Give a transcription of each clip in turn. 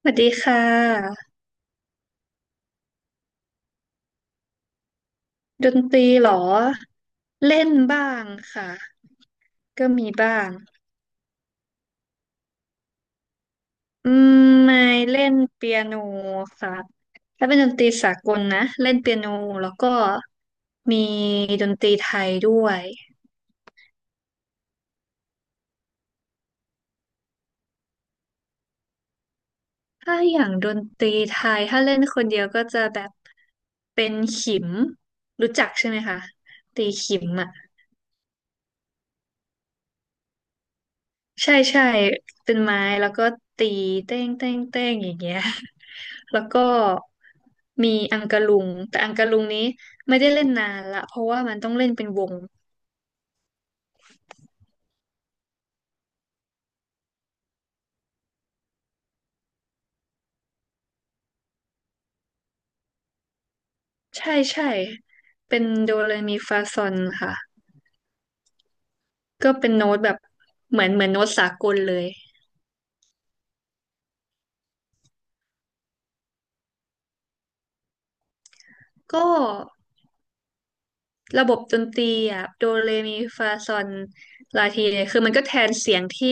สวัสดีค่ะดนตรีเหรอเล่นบ้างค่ะก็มีบ้างอืมไม่เล่นเปียโนค่ะถ้าเป็นดนตรีสากลนะเล่นเปียโนแล้วก็มีดนตรีไทยด้วยถ้าอย่างดนตรีไทยถ้าเล่นคนเดียวก็จะแบบเป็นขิมรู้จักใช่ไหมคะตีขิมอ่ะ ใช่ใช่เป็นไม้แล้วก็ตีเต้งเต้งเต้งอย่างเงี้ย แล้วก็มีอังกะลุง แต่อังกะลุงนี้ไม่ได้เล่นนานละ เพราะว่ามันต้องเล่นเป็นวง ใช่ใช่เป็นโดเรมีฟาซอนค่ะก็เป็นโน้ตแบบเหมือนโน้ตสากลเลยก็ ระบบดนตรีอ่ะโดเรมีฟาซอนลาทีเนี่ยคือมันก็แทนเสียงที่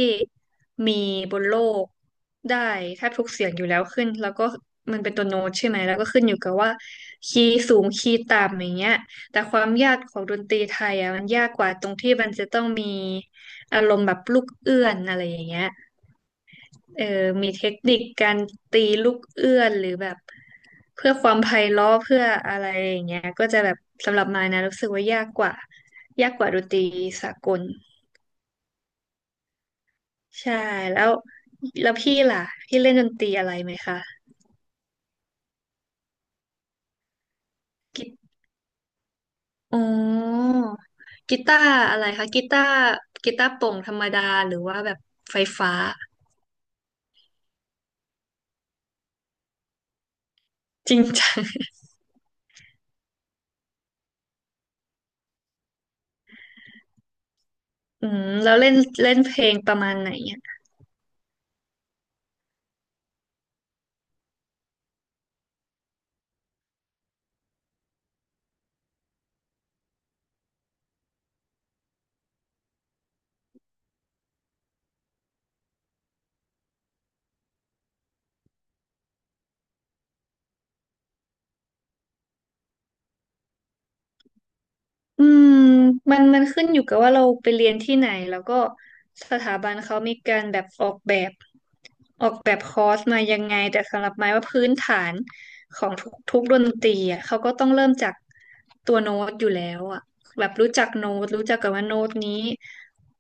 มีบนโลกได้แทบทุกเสียงอยู่แล้วขึ้นแล้วก็มันเป็นตัวโน้ตใช่ไหมแล้วก็ขึ้นอยู่กับว่าคีย์สูงคีย์ต่ำอย่างเงี้ยแต่ความยากของดนตรีไทยอ่ะมันยากกว่าตรงที่มันจะต้องมีอารมณ์แบบลูกเอื้อนอะไรอย่างเงี้ย เออมีเทคนิคการตีลูกเอื้อนหรือแบบเพื่อความไพเราะเพื่ออะไรอย่างเงี้ยก็จะแบบสำหรับมายนะรู้สึกว่ายากกว่ายากกว่าดนตรีสากลใช่แล้วแล้วพี่ล่ะพี่เล่นดนตรีอะไรไหมคะกีอ๋อกีตาร์อะไรคะกีตาร์กีตาร์โปร่งธรรมดาหรือว่าแบบไฟฟ้าจริงจัง อืมแล้วเล่นเล่นเพลงประมาณไหน อืมมันขึ้นอยู่กับว่าเราไปเรียนที่ไหนแล้วก็สถาบันเขามีการแบบออกแบบออกแบบคอร์สมายังไงแต่สำหรับไม้ว่าพื้นฐานของทุกดนตรีอ่ะเขาก็ต้องเริ่มจากตัวโน้ตอยู่แล้วอ่ะแบบรู้จักโน้ตรู้จักกันว่าโน้ตนี้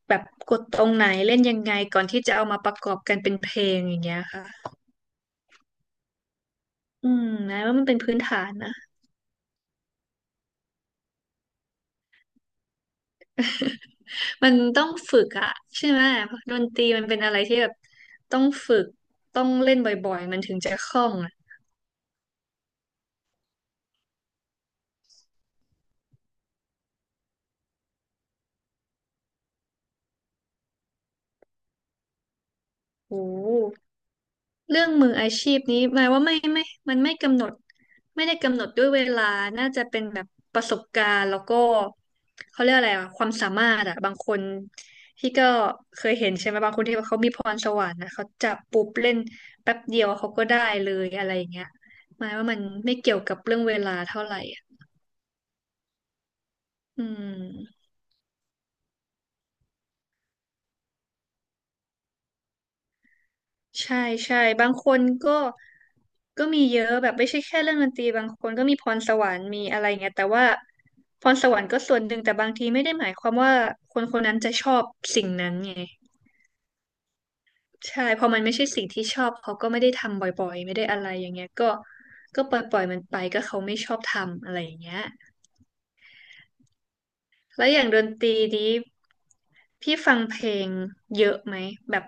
แบบกดตรงไหนเล่นยังไงก่อนที่จะเอามาประกอบกันเป็นเพลงอย่างเงี้ยค่ะอืมนะว่ามันเป็นพื้นฐานนะ มันต้องฝึกอะใช่ไหมดนตรีมันเป็นอะไรที่แบบต้องฝึกต้องเล่นบ่อยๆมันถึงจะคล่องอะโอ้โหเรื่องมืออาชีพนี้หมายว่าไม่มันไม่กำหนดไม่ได้กำหนดด้วยเวลาน่าจะเป็นแบบประสบการณ์แล้วก็เขาเรียกอะไรอะความสามารถอะบางคนที่ก็เคยเห็นใช่ไหมบางคนที่เขามีพรสวรรค์นะเขาจับปุ๊บเล่นแป๊บเดียวเขาก็ได้เลยอะไรอย่างเงี้ยหมายว่ามันไม่เกี่ยวกับเรื่องเวลาเท่าไหร่อะอืม ใช่ใช่บางคนก็มีเยอะแบบไม่ใช่แค่เรื่องดนตรีบางคนก็มีพรสวรรค์มีอะไรเงี้ยแต่ว่าพรสวรรค์ก็ส่วนหนึ่งแต่บางทีไม่ได้หมายความว่าคนคนนั้นจะชอบสิ่งนั้นไงใช่พอมันไม่ใช่สิ่งที่ชอบเขาก็ไม่ได้ทำบ่อยๆไม่ได้อะไรอย่างเงี้ยก็ก็ปล่อยมันไปก็เขาไม่ชอบทำอะไรอย่างเงี้ย แล้วอย่างดนตรีนี้พี่ฟังเพลงเยอะไหมแบบ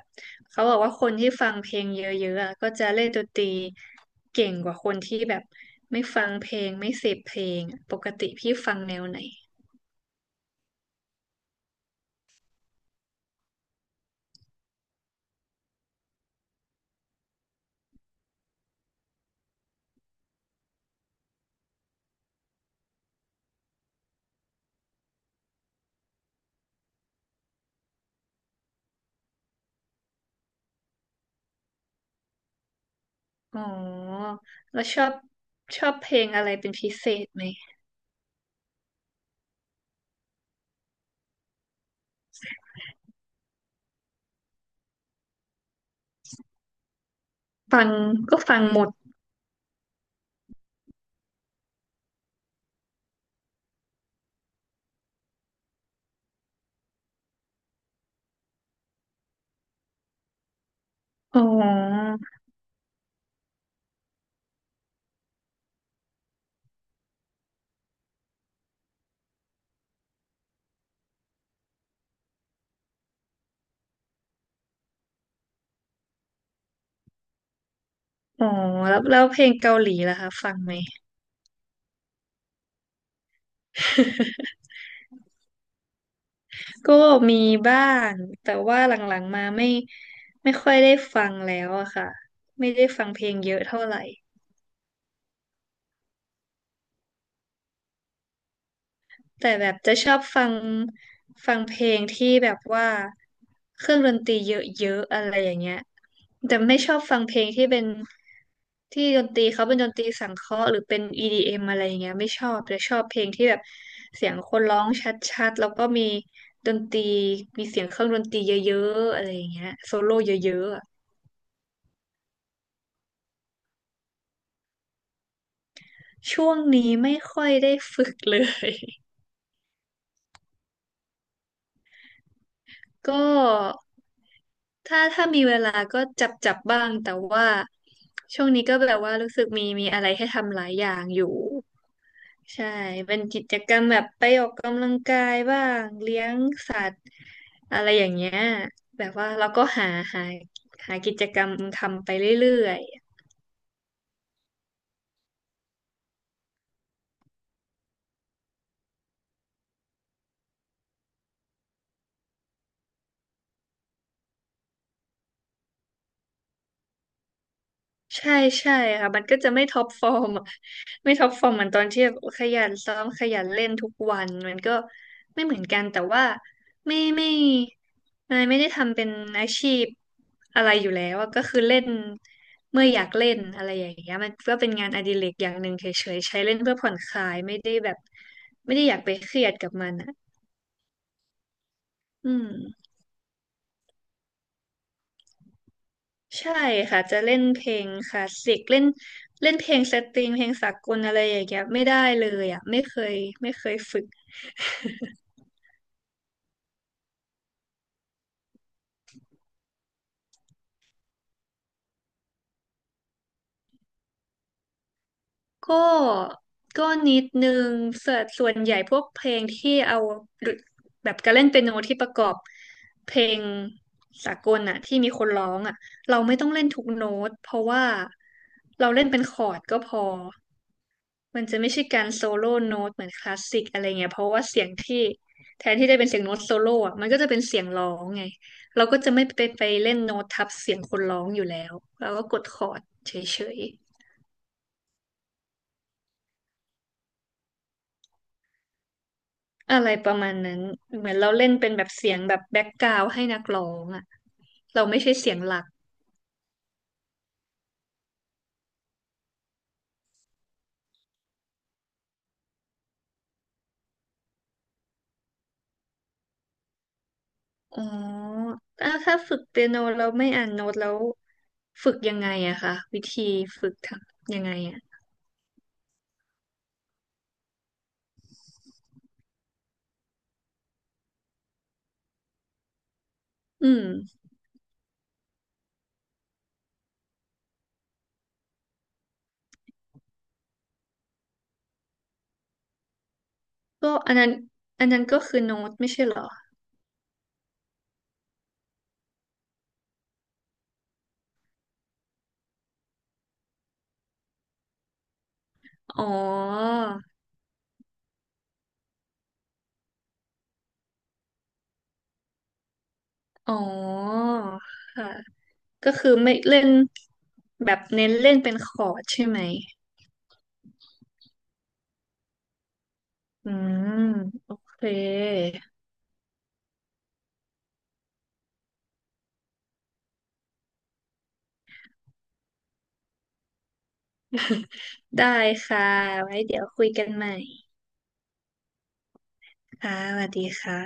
เขาบอกว่าคนที่ฟังเพลงเยอะๆอะก็จะเล่นดนตรีเก่งกว่าคนที่แบบไม่ฟังเพลงไม่เสพเพลงอะปกติพี่ฟังแนวไหนอ๋อแล้วชอบชอบเพลงอะไรเป็นพิเศษไหมฟังก็ฟังหมดอ๋ออ๋อแล้วแล้วเพลงเกาหลีล่ะคะฟังไหม ก็มีบ้างแต่ว่าหลังๆมาไม่ค่อยได้ฟังแล้วอะค่ะไม่ได้ฟังเพลงเยอะเท่าไหร่แต่แบบจะชอบฟังฟังเพลงที่แบบว่าเครื่องดนตรีเยอะๆอะไรอย่างเงี้ยแต่ไม่ชอบฟังเพลงที่เป็นที่ดนตรีเขาเป็นดนตรีสังเคราะห์หรือเป็น EDM อมอะไรอย่างเงี้ยไม่ชอบแต่ชอบเพลงที่แบบเสียงคนร้องชัดๆแล้วก็มีดนตรีมีเสียงเครื่องดนตรีเยอะๆอะไรอย่างเงี้ยโซโล่เยอะๆอะ ช่วงนี้ไม่ค่อยได้ฝึกเลย ก็ถ้าถ้ามีเวลาก็จับจับบ้างแต่ว่าช่วงนี้ก็แบบว่ารู้สึกมีมีอะไรให้ทำหลายอย่างอยู่ใช่เป็นกิจกรรมแบบไปออกกำลังกายบ้างเลี้ยงสัตว์อะไรอย่างเงี้ยแบบว่าเราก็หาหาหากิจกรรมทำไปเรื่อย ใช่ใช่ค่ะมันก็จะไม่ท็อปฟอร์มอะไม่ท็อปฟอร์มเหมือนตอนที่แบบขยันซ้อมขยันเล่นทุกวันมันก็ไม่เหมือนกันแต่ว่าไม่นายไม่ได้ทำเป็นอาชีพอะไรอยู่แล้วอะก็คือเล่นเมื่ออยากเล่นอะไรอย่างเงี้ยมันก็เป็นงานอดิเรกอย่างหนึ่งเฉยๆใช้เล่นเพื่อผ่อนคลายไม่ได้แบบไม่ได้อยากไปเครียดกับมันอ่ะอืม ใช่ค่ะจะเล่นเพลงคลาสสิกเล่นเล่นเพลงสตริงเพลงสากลอะไรอย่างเงี้ยไม่ได้เลยอ่ะไม่เคยไม่เคยฝึกก็ก็นิดนึงส่วนใหญ่พวกเพลงที่เอาแบบการเล่นเปียโนที่ประกอบเพลงสากลอ่ะที่มีคนร้องอ่ะเราไม่ต้องเล่นทุกโน้ตเพราะว่าเราเล่นเป็นคอร์ดก็พอ มันจะไม่ใช่การโซโล่โน้ตเหมือนคลาสสิกอะไรเงี้ยเพราะว่าเสียงที่แทนที่จะเป็นเสียงโน้ตโซโล่อะมันก็จะเป็นเสียงร้องไงเราก็จะไม่ไปไปเล่นโน้ตทับเสียงคนร้องอยู่แล้วเราก็กดคอร์ดเฉยๆอะไรประมาณนั้นเหมือนเราเล่นเป็นแบบเสียงแบบแบ็กกราวด์ให้นักร้องอะเราไม่ใช่เสียงหลักอ๋ออ่ะถ้าฝึกเปียโนเราไม่อ่านโน้ตแล้วฝึกยังไงอะคะวิธีฝึกทำยังไงอะอืมก็อันนั้นอันนั้นก็คือโน้ตไม่ใช่เหรอ อ๋อ อ๋อค่ะก็คือไม่เล่นแบบเน้นเล่นเป็นคอร์ดใช่ไหมอืมโอเค ได้ค่ะไว้เดี๋ยวคุยกันใหม่ค่ะสวัสดีค่ะ